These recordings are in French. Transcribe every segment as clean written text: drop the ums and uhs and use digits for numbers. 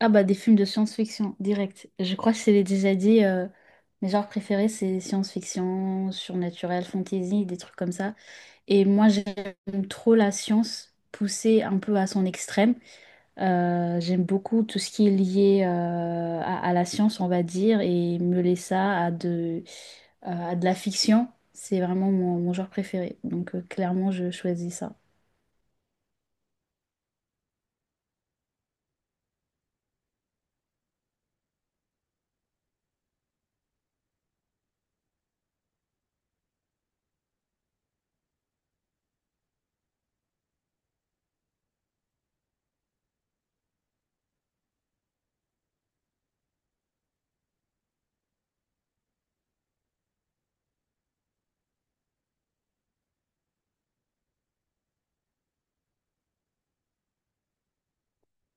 Ah bah des films de science-fiction, direct. Je crois que je te l'ai déjà dit, mes genres préférés c'est science-fiction, surnaturel, fantasy, des trucs comme ça. Et moi j'aime trop la science poussée un peu à son extrême. J'aime beaucoup tout ce qui est lié à la science, on va dire, et mêler ça à de la fiction. C'est vraiment mon genre préféré. Donc clairement je choisis ça.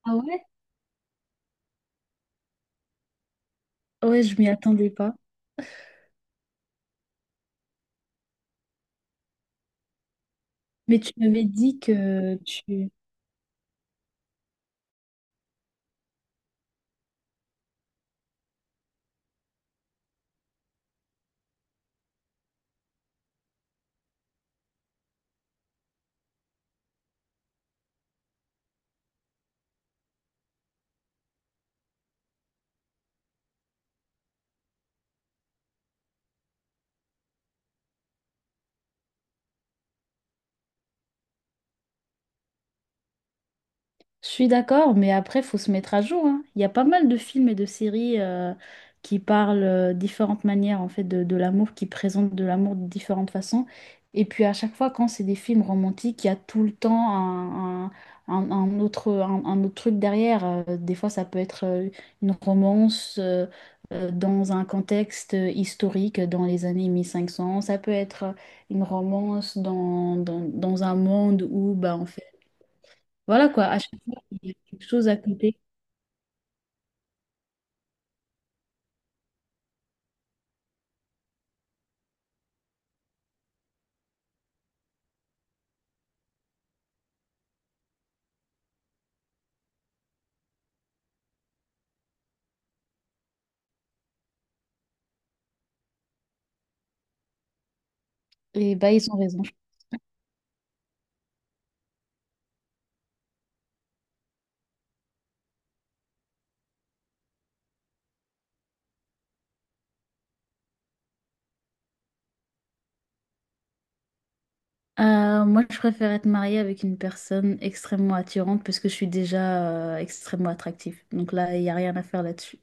Ah ouais? Ouais, je m'y attendais pas. Mais tu m'avais dit que tu... Je suis d'accord, mais après, faut se mettre à jour, hein. Il y a pas mal de films et de séries qui parlent différentes manières en fait de l'amour, qui présentent de l'amour de différentes façons. Et puis à chaque fois, quand c'est des films romantiques, il y a tout le temps un autre truc derrière. Des fois, ça peut être une romance dans un contexte historique dans les années 1500. Ça peut être une romance dans un monde où bah, en fait, voilà quoi, à chaque fois il y a quelque chose à côté, et bah ils ont raison. Moi, je préfère être mariée avec une personne extrêmement attirante parce que je suis déjà extrêmement attractive. Donc là, il n'y a rien à faire là-dessus.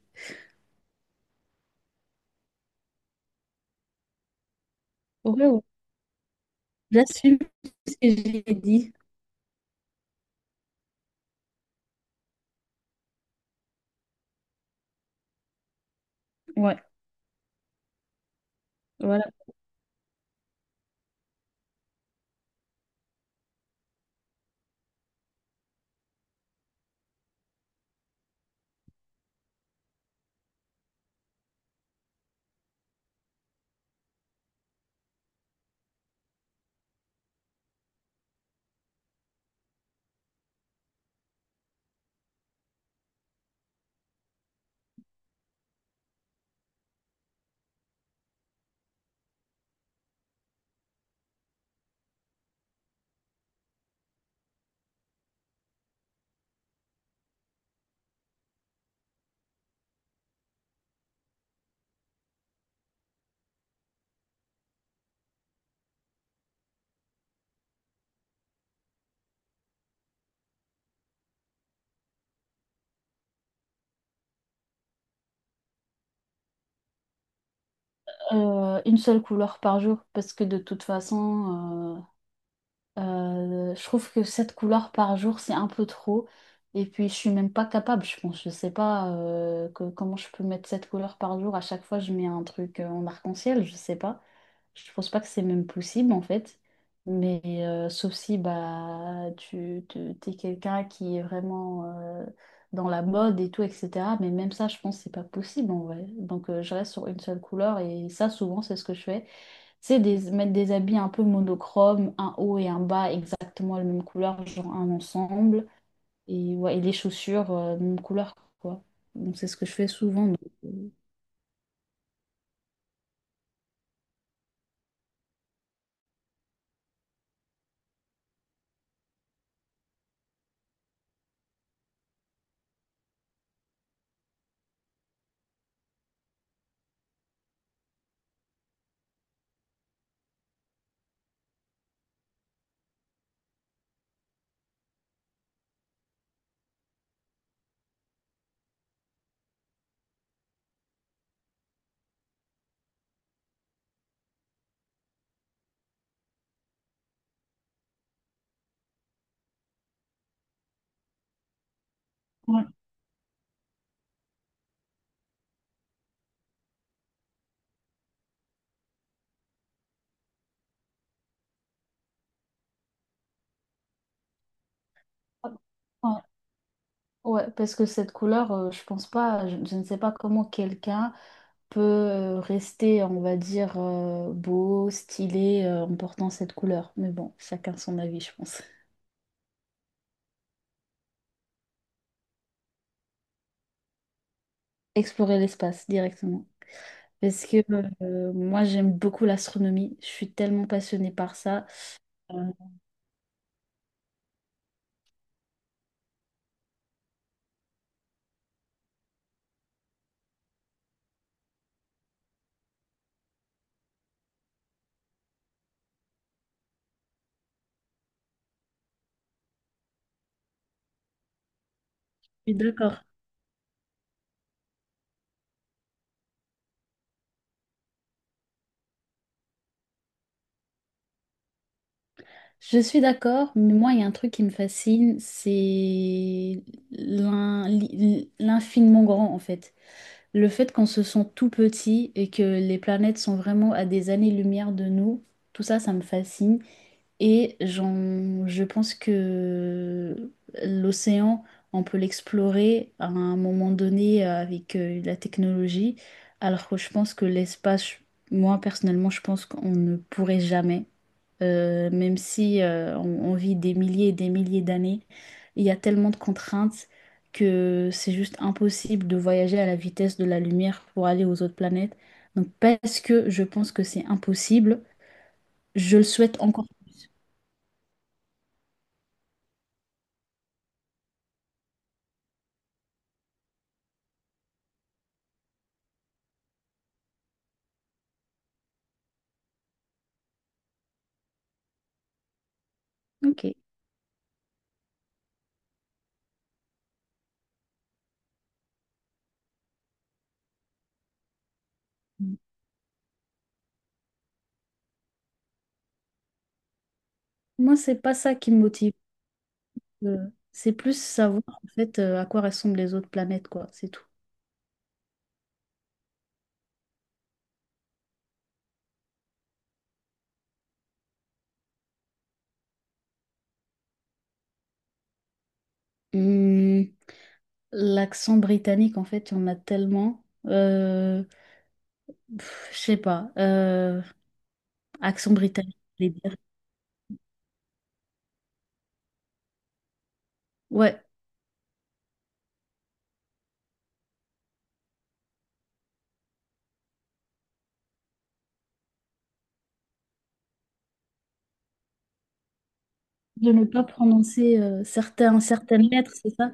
Ouais, ouais. J'assume ce que j'ai dit. Ouais, voilà. Une seule couleur par jour parce que de toute façon, je trouve que 7 couleurs par jour, c'est un peu trop. Et puis, je suis même pas capable, je pense. Je sais pas comment je peux mettre 7 couleurs par jour. À chaque fois, je mets un truc en arc-en-ciel, je sais pas. Je pense pas que c'est même possible, en fait. Mais sauf si bah, t'es quelqu'un qui est vraiment dans la mode et tout, etc. Mais même ça, je pense que c'est pas possible, en vrai. Donc, je reste sur une seule couleur. Et ça, souvent, c'est ce que je fais, mettre des habits un peu monochromes, un haut et un bas exactement la même couleur, genre un ensemble, et, ouais, et les chaussures, même couleur, quoi. Donc c'est ce que je fais souvent. Euh, Ouais. Ouais, ouais, parce que cette couleur, je pense pas, je ne sais pas comment quelqu'un peut rester, on va dire, beau, stylé, en portant cette couleur. Mais bon, chacun son avis, je pense. Explorer l'espace directement. Parce que moi, j'aime beaucoup l'astronomie. Je suis tellement passionnée par ça. Euh, je suis d'accord. Je suis d'accord, mais moi, il y a un truc qui me fascine, c'est l'infiniment grand, en fait. Le fait qu'on se sent tout petit et que les planètes sont vraiment à des années-lumière de nous, tout ça, ça me fascine. Et je pense que l'océan, on peut l'explorer à un moment donné avec la technologie, alors que je pense que l'espace, moi personnellement, je pense qu'on ne pourrait jamais, même si on vit des milliers et des milliers d'années, il y a tellement de contraintes que c'est juste impossible de voyager à la vitesse de la lumière pour aller aux autres planètes. Donc parce que je pense que c'est impossible, je le souhaite encore plus. Ok. Moi, c'est pas ça qui me motive. euh, c'est plus savoir en fait à quoi ressemblent les autres planètes, quoi. C'est tout. Hum, l'accent britannique, en fait, il y en a tellement. Pff, je sais pas. Accent britannique, je voulais dire. Ouais. De ne pas prononcer certaines lettres, c'est ça?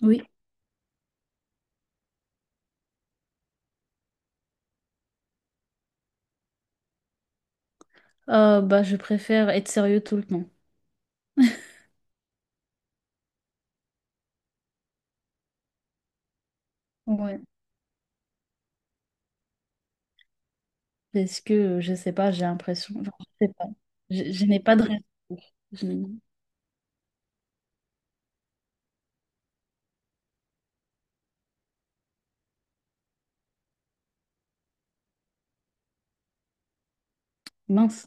Oui. Bah, je préfère être sérieux tout le temps. Ouais. Parce que, je sais pas, j'ai l'impression. Enfin, je sais pas. Je n'ai pas de réponse. Je n'ai- Mince.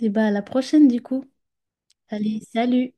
Et bah, à la prochaine, du coup. Allez, salut!